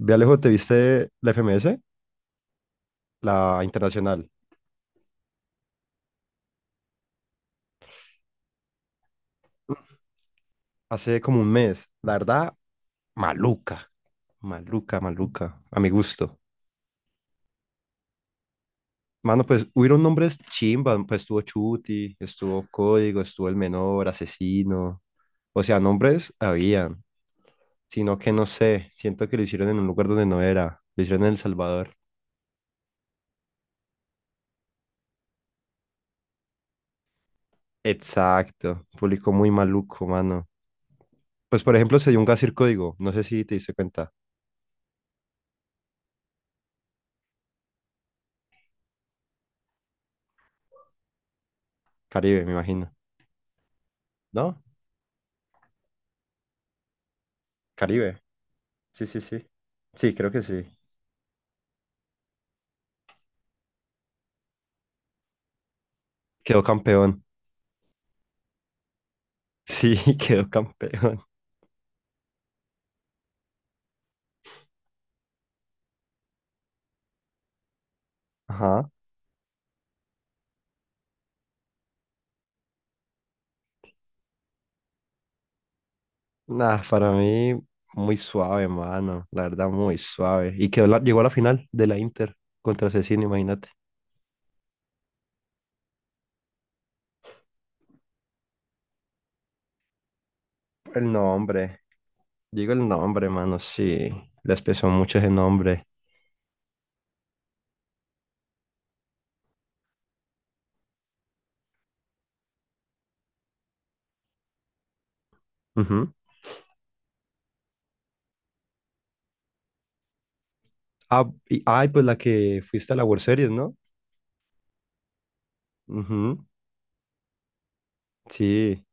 Ve Alejo, ¿te viste la FMS? La internacional. Hace como 1 mes. La verdad, maluca. Maluca, maluca. A mi gusto. Mano, pues hubieron nombres chimba. Pues estuvo Chuti, estuvo Código, estuvo El Menor, Asesino. O sea, nombres habían. Sino que no sé. Siento que lo hicieron en un lugar donde no era. Lo hicieron en El Salvador. Exacto. Público muy maluco, mano. Pues por ejemplo, se dio un Gasir Código. No sé si te diste cuenta. Caribe, me imagino. ¿No? Caribe. Sí, sí, sí. Sí, creo que sí. Quedó campeón. Sí, quedó campeón. Ajá. Nah, para mí, muy suave, mano. La verdad, muy suave. Y quedó llegó a la final de la Inter contra Cecina, imagínate. El nombre. Digo el nombre, mano, sí. Les pesó mucho ese nombre. Ujú. Ah, y, ay, pues la que fuiste a la World Series, ¿no? Ujú. Sí.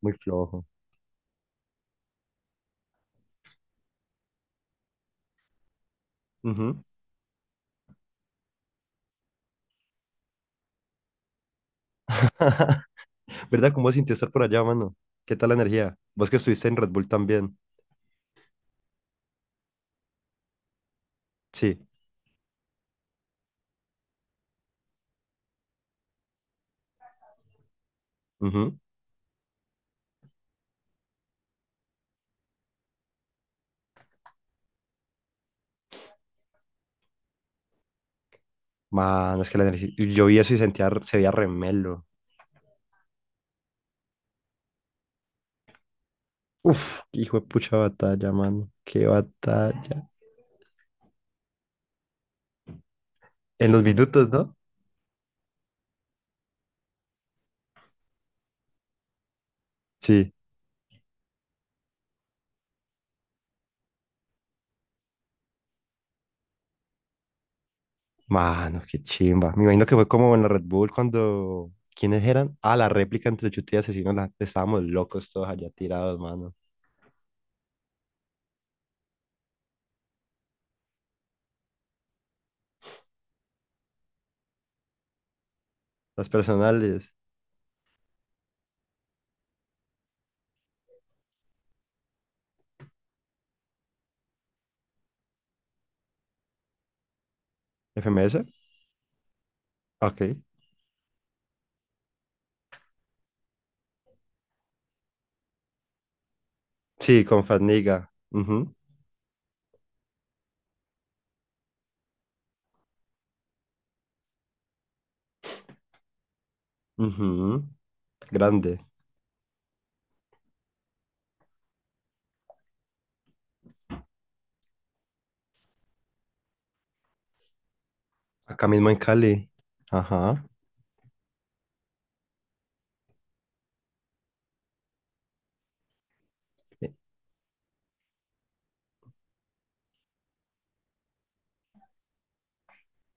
Muy flojo. Ujú. ¿Verdad? ¿Cómo sentí estar por allá, mano? ¿Qué tal la energía? Vos que estuviste en Red Bull también. Sí. Ujú. Mano, es que la energía. Yo vi eso y sentía, se veía remelo. Uf, qué hijo de pucha batalla, mano. Qué batalla. En los minutos, ¿no? Sí. Mano, qué chimba. Me imagino que fue como en la Red Bull cuando. ¿Quiénes eran? Ah, la réplica entre Chute y Asesino. Estábamos locos todos allá tirados, mano. Las personales. ¿FMS? Ok. Sí, con Faniga. Ujú, ujú. Grande. Acá mismo en Cali. Ajá. E-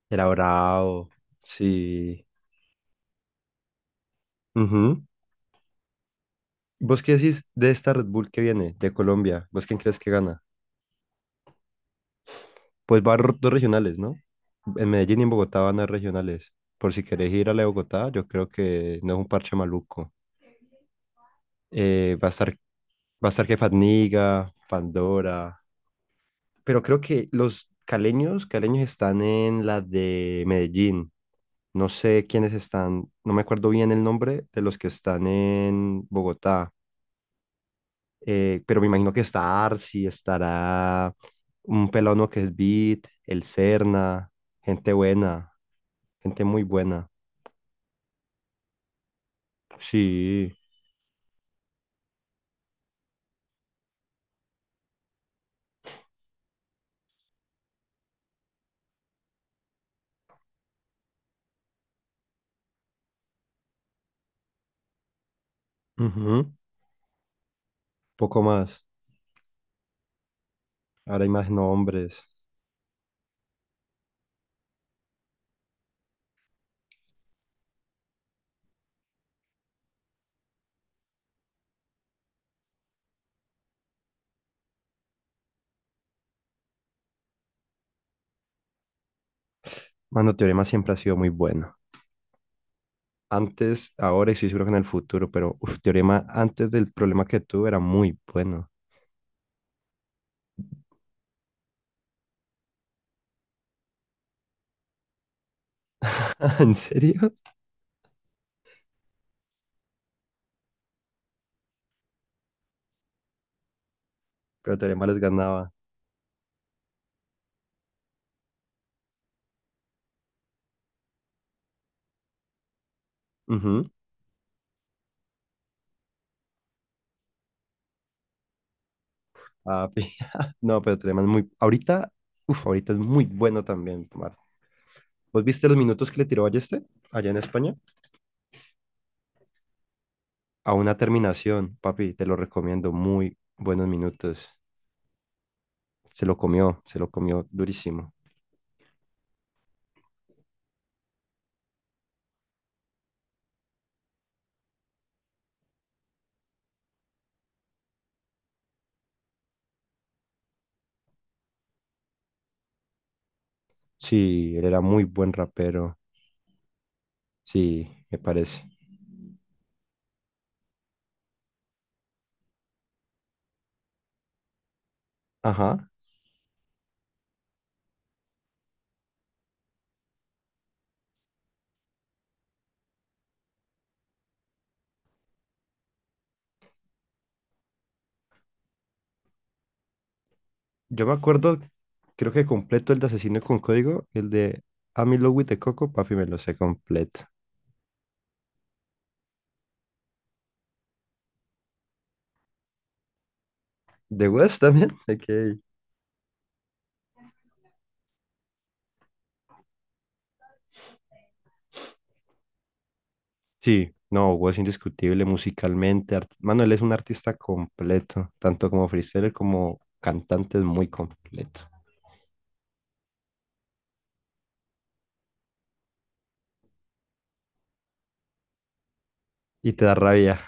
Era bravo. Sí. Ujú. ¿Vos qué decís de esta Red Bull que viene de Colombia? ¿Vos quién crees que gana? Pues dos regionales, ¿no? En Medellín y en Bogotá van a regionales. Por si querés ir a la de Bogotá, yo creo que no es un parche maluco. Eh, va a estar, Va a estar Fadniga, Pandora. Pero creo que los caleños están en la de Medellín. No sé quiénes están, no me acuerdo bien el nombre de los que están en Bogotá, pero me imagino que está Arsi, estará un pelado que es Beat, el Serna, gente buena, gente muy buena. Sí, ujú. Poco más. Ahora hay más nombres. Mano, Teorema siempre ha sido muy bueno. Antes, ahora y estoy seguro que en el futuro, pero uf, Teorema antes del problema que tuve era muy bueno. ¿En serio? Pero Teorema les ganaba. Ujú. Ah, no, pero Teorema es muy... Ahorita, uf, ahorita es muy bueno también, Mar. ¿Vos viste los minutos que le tiró a este allá en España? A una terminación, papi, te lo recomiendo. Muy buenos minutos. Se lo comió durísimo. Sí, él era muy buen rapero. Sí, me parece. Ajá. Yo me acuerdo, creo que completo el de Asesino con Código, el de I'm in Love Coco, papi, me lo sé completo. ¿De West también? Ok. Sí, no, Hugo indiscutible musicalmente. Mano, él es un artista completo, tanto como freestyler como cantante, es muy completo. Y te da rabia.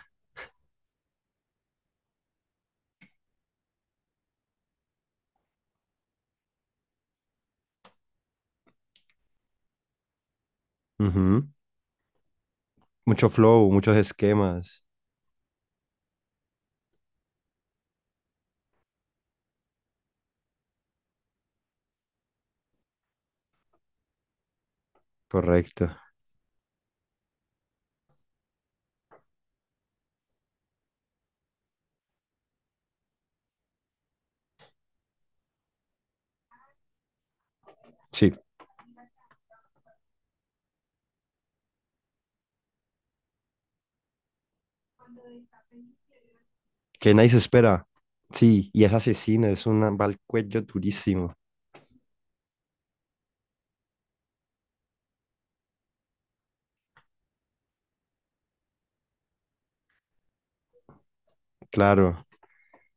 Ujú. Mucho flow, muchos esquemas. Correcto. Sí, que nadie se espera. Sí, y es asesino, es un va al cuello durísimo. Claro.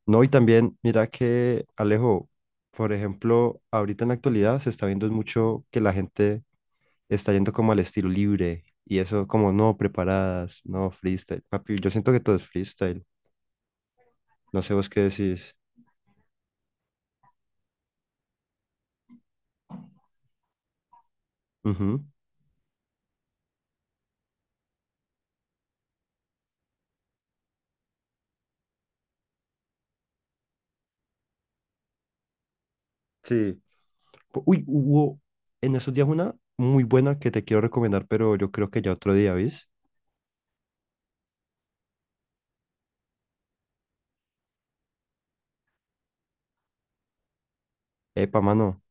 No, y también, mira que Alejo, por ejemplo, ahorita en la actualidad se está viendo mucho que la gente está yendo como al estilo libre y eso como no preparadas, no freestyle. Papi, yo siento que todo es freestyle. No sé vos qué decís. Ujú. Sí. Uy, hubo en esos días una muy buena que te quiero recomendar, pero yo creo que ya otro día, ¿vís? Epa, mano.